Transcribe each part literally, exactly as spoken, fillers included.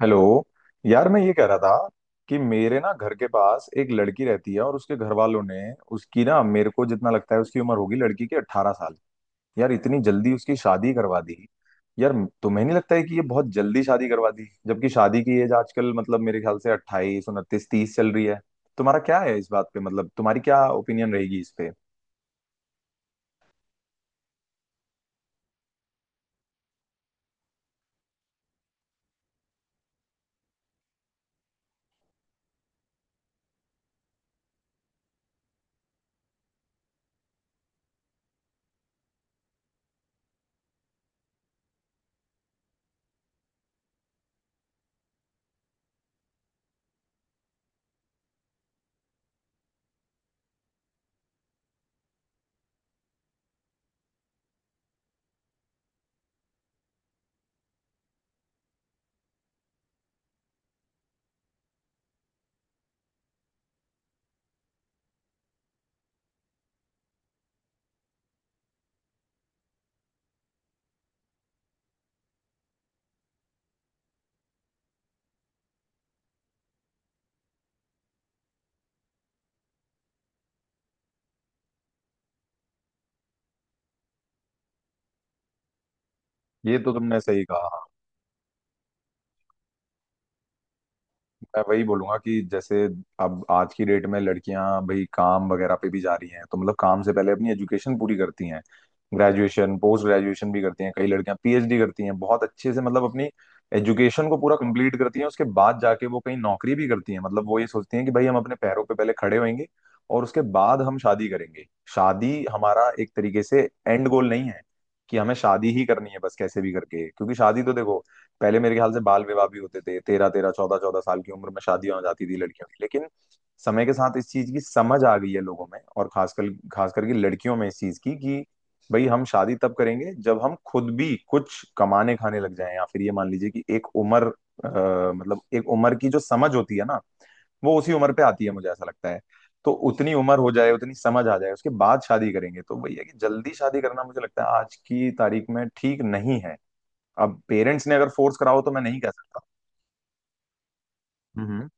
Hello. यार, मैं ये कह रहा था कि मेरे ना घर के पास एक लड़की रहती है, और उसके घर वालों ने उसकी ना मेरे को जितना लगता है उसकी उम्र होगी लड़की की अट्ठारह साल। यार, इतनी जल्दी उसकी शादी करवा दी यार। तुम्हें नहीं लगता है कि ये बहुत जल्दी शादी करवा दी, जबकि शादी की एज आजकल मतलब मेरे ख्याल से अट्ठाईस उनतीस तीस चल रही है। तुम्हारा क्या है इस बात पे, मतलब तुम्हारी क्या ओपिनियन रहेगी इस पे। ये तो तुमने सही कहा। मैं वही बोलूंगा कि जैसे अब आज की डेट में लड़कियां भाई काम वगैरह पे भी जा रही हैं, तो मतलब काम से पहले अपनी एजुकेशन पूरी करती हैं। ग्रेजुएशन, पोस्ट ग्रेजुएशन भी करती हैं, कई लड़कियां पी एच डी करती हैं बहुत अच्छे से, मतलब अपनी एजुकेशन को पूरा कंप्लीट करती हैं। उसके बाद जाके वो कहीं नौकरी भी करती हैं, मतलब वो ये सोचती हैं कि भाई हम अपने पैरों पे पहले खड़े होंगे, और उसके बाद हम शादी करेंगे। शादी हमारा एक तरीके से एंड गोल नहीं है कि हमें शादी ही करनी है बस कैसे भी करके, क्योंकि शादी तो देखो पहले मेरे ख्याल से बाल विवाह भी होते थे, तेरह तेरह चौदह चौदह साल की उम्र में शादियां हो जाती थी लड़कियों की। लेकिन समय के साथ इस चीज की समझ आ गई है लोगों में, और खासकर खास करके लड़कियों में इस चीज की कि भाई हम शादी तब करेंगे जब हम खुद भी कुछ कमाने खाने लग जाएं, या फिर ये मान लीजिए कि एक उम्र अ, मतलब एक उम्र की जो समझ होती है ना, वो उसी उम्र पे आती है, मुझे ऐसा लगता है। तो उतनी उम्र हो जाए, उतनी समझ आ जाए, उसके बाद शादी करेंगे तो भैया, कि जल्दी शादी करना मुझे लगता है आज की तारीख में ठीक नहीं है। अब पेरेंट्स ने अगर फोर्स करा हो तो मैं नहीं कह सकता। हम्म।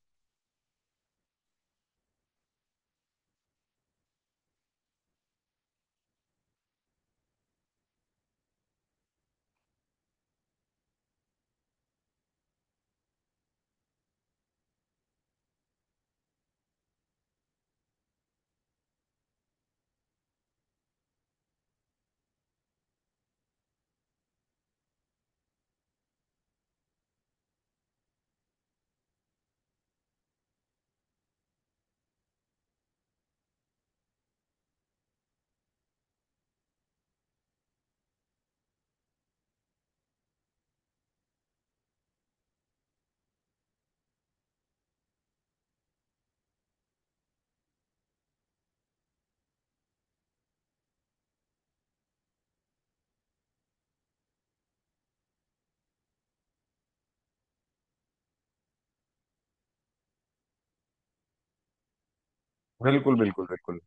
बिल्कुल, बिल्कुल, बिल्कुल,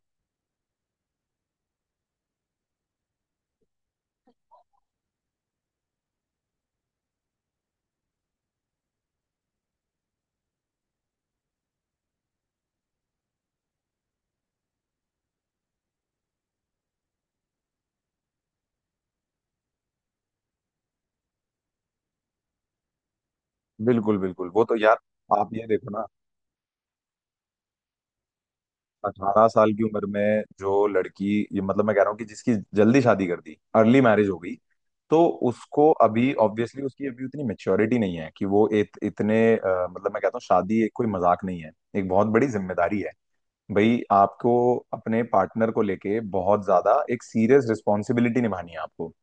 बिल्कुल, बिल्कुल, वो तो यार। आप ये देखो ना। अठारह साल की उम्र में जो लड़की, ये मतलब मैं कह रहा हूँ कि जिसकी जल्दी शादी कर दी, अर्ली मैरिज हो गई, तो उसको अभी ऑब्वियसली उसकी अभी उतनी मेच्योरिटी नहीं है कि वो इत, इतने अ, मतलब मैं कहता हूँ शादी एक कोई मजाक नहीं है, एक बहुत बड़ी जिम्मेदारी है। भाई, आपको अपने पार्टनर को लेके बहुत ज्यादा एक सीरियस रिस्पॉन्सिबिलिटी निभानी है आपको।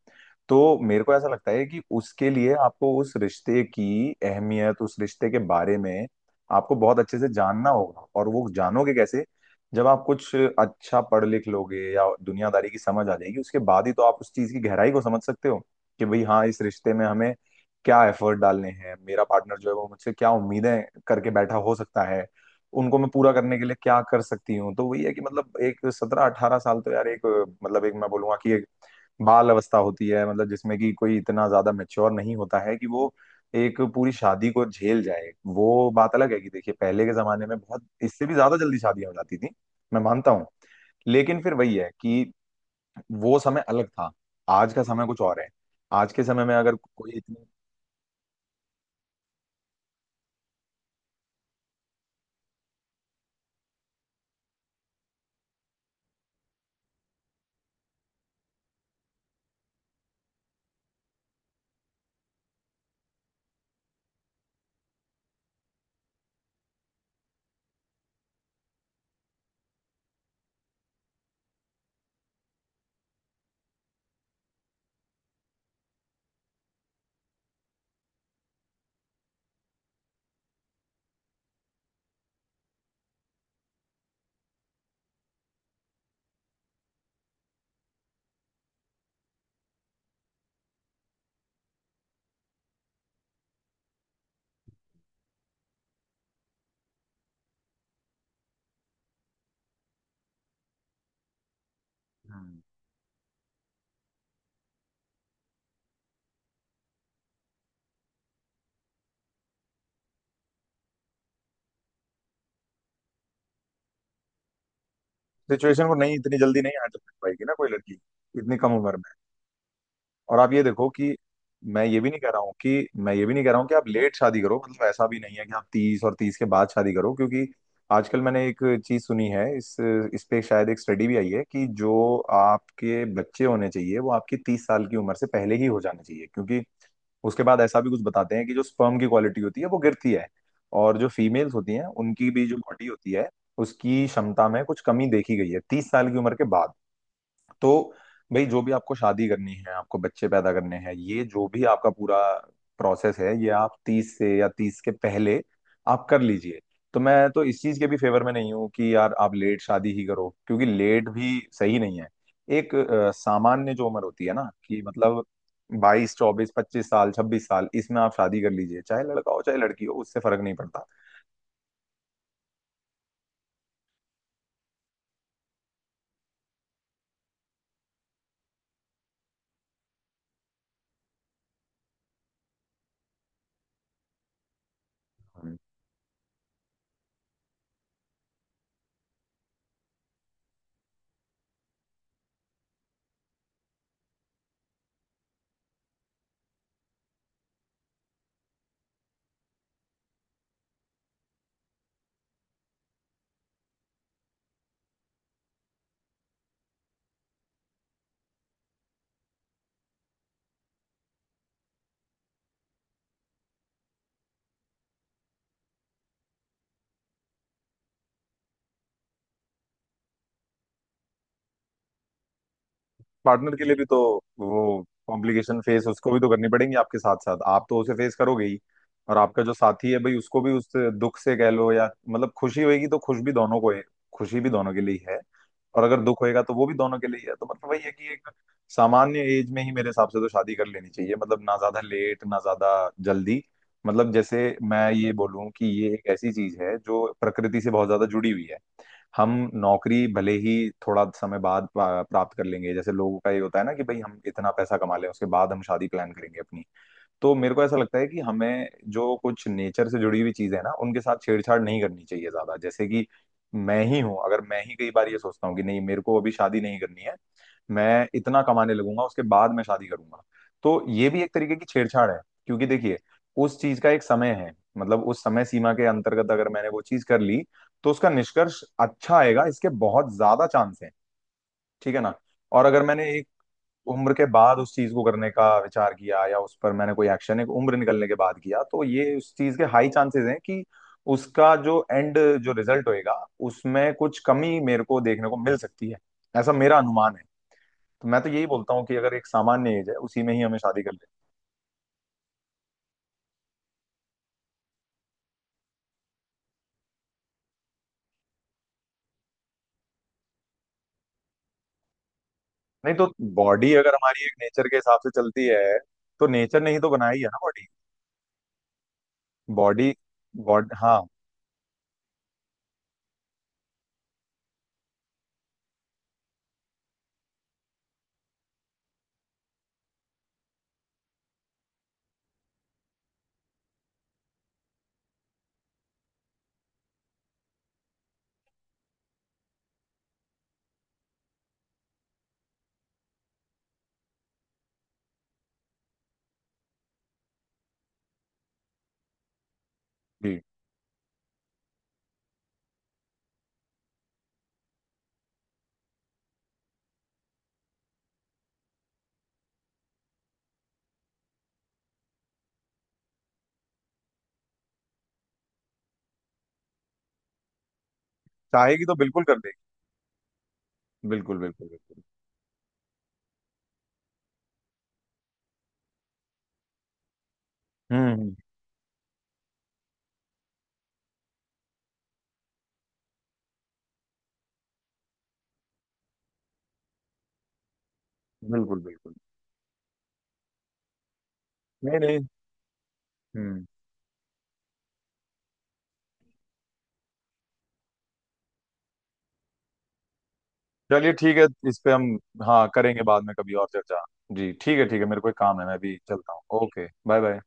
तो मेरे को ऐसा लगता है कि उसके लिए आपको उस रिश्ते की अहमियत, उस रिश्ते के बारे में आपको बहुत अच्छे से जानना होगा। और वो जानोगे कैसे? जब आप कुछ अच्छा पढ़ लिख लोगे या दुनियादारी की समझ आ जाएगी, उसके बाद ही तो आप उस चीज की गहराई को समझ सकते हो कि भाई, हाँ, इस रिश्ते में हमें क्या एफर्ट डालने हैं, मेरा पार्टनर जो है वो मुझसे क्या उम्मीदें करके बैठा हो सकता है, उनको मैं पूरा करने के लिए क्या कर सकती हूँ। तो वही है कि मतलब एक सत्रह अठारह साल तो यार एक, मतलब एक, मैं बोलूंगा कि एक बाल अवस्था होती है, मतलब जिसमें कि कोई इतना ज्यादा मेच्योर नहीं होता है कि वो एक पूरी शादी को झेल जाए। वो बात अलग है कि देखिए पहले के जमाने में बहुत इससे भी ज्यादा जल्दी शादियां हो जाती थी, मैं मानता हूँ। लेकिन फिर वही है कि वो समय अलग था, आज का समय कुछ और है। आज के समय में अगर कोई इतनी सिचुएशन को नहीं इतनी जल्दी नहीं हैंडल कर पाएगी ना कोई लड़की इतनी कम उम्र में। और आप ये देखो कि मैं ये भी नहीं कह रहा हूँ कि मैं ये भी नहीं कह रहा हूँ कि आप लेट शादी करो, मतलब ऐसा भी नहीं है कि आप तीस, और तीस के बाद शादी करो, क्योंकि आजकल मैंने एक चीज सुनी है, इस इस पे शायद एक स्टडी भी आई है कि जो आपके बच्चे होने चाहिए वो आपकी तीस साल की उम्र से पहले ही हो जाने चाहिए, क्योंकि उसके बाद ऐसा भी कुछ बताते हैं कि जो स्पर्म की क्वालिटी होती है वो गिरती है, और जो फीमेल्स होती हैं उनकी भी जो बॉडी होती है उसकी क्षमता में कुछ कमी देखी गई है तीस साल की उम्र के बाद। तो भाई, जो भी आपको शादी करनी है, आपको बच्चे पैदा करने हैं, ये जो भी आपका पूरा प्रोसेस है, ये आप तीस से या तीस के पहले आप कर लीजिए। तो मैं तो इस चीज के भी फेवर में नहीं हूँ कि यार आप लेट शादी ही करो, क्योंकि लेट भी सही नहीं है। एक अ, सामान्य जो उम्र होती है ना, कि मतलब बाईस चौबीस पच्चीस साल छब्बीस साल, इसमें आप शादी कर लीजिए, चाहे लड़का हो चाहे लड़की हो, उससे फर्क नहीं पड़ता। पार्टनर के लिए भी तो वो कॉम्प्लिकेशन फेस उसको भी तो करनी पड़ेंगी, आपके साथ साथ आप तो उसे फेस करोगे ही। और आपका जो साथी है भाई उसको भी उस दुख से कह लो, या मतलब खुशी होगी तो खुश भी दोनों को है, खुशी भी दोनों के लिए ही है। और अगर दुख होएगा तो वो भी दोनों के लिए ही है। तो मतलब वही है कि एक सामान्य एज में ही मेरे हिसाब से तो शादी कर लेनी चाहिए, मतलब ना ज्यादा लेट ना ज्यादा जल्दी। मतलब जैसे मैं ये बोलूं कि ये एक ऐसी चीज है जो प्रकृति से बहुत ज्यादा जुड़ी हुई है। हम नौकरी भले ही थोड़ा समय बाद पा- प्राप्त कर लेंगे, जैसे लोगों का ये होता है ना कि भाई हम इतना पैसा कमा लें उसके बाद हम शादी प्लान करेंगे अपनी। तो मेरे को ऐसा लगता है कि हमें जो कुछ नेचर से जुड़ी हुई चीजें हैं ना उनके साथ छेड़छाड़ नहीं करनी चाहिए ज्यादा, जैसे कि मैं ही हूं। अगर मैं ही कई बार ये सोचता हूँ कि नहीं मेरे को अभी शादी नहीं करनी है, मैं इतना कमाने लगूंगा उसके बाद मैं शादी करूंगा, तो ये भी एक तरीके की छेड़छाड़ है। क्योंकि देखिए, उस चीज का एक समय है, मतलब उस समय सीमा के अंतर्गत अगर मैंने वो चीज कर ली तो उसका निष्कर्ष अच्छा आएगा, इसके बहुत ज्यादा चांस है, ठीक है ना। और अगर मैंने उम्र के बाद उस चीज को करने का विचार किया या उस पर मैंने कोई एक्शन एक उम्र निकलने के बाद किया, तो ये उस चीज के हाई चांसेस हैं कि उसका जो एंड, जो रिजल्ट होएगा उसमें कुछ कमी मेरे को देखने को मिल सकती है, ऐसा मेरा अनुमान है। तो मैं तो यही बोलता हूँ कि अगर एक सामान्य एज है उसी में ही हमें शादी कर ले। नहीं तो, बॉडी अगर हमारी एक नेचर के हिसाब से चलती है, तो नेचर ने ही तो बनाई है ना बॉडी। बॉडी। बॉडी, हाँ। जी। चाहेगी तो बिल्कुल कर देगी। बिल्कुल, बिल्कुल, बिल्कुल। हम्म। हम्म। बिल्कुल, बिल्कुल। नहीं, नहीं। हम्म। चलिए ठीक है, इस पे हम, हाँ, करेंगे बाद में कभी और चर्चा। जी ठीक है, ठीक है, मेरे को एक काम है, मैं अभी चलता हूँ, ओके, बाय बाय।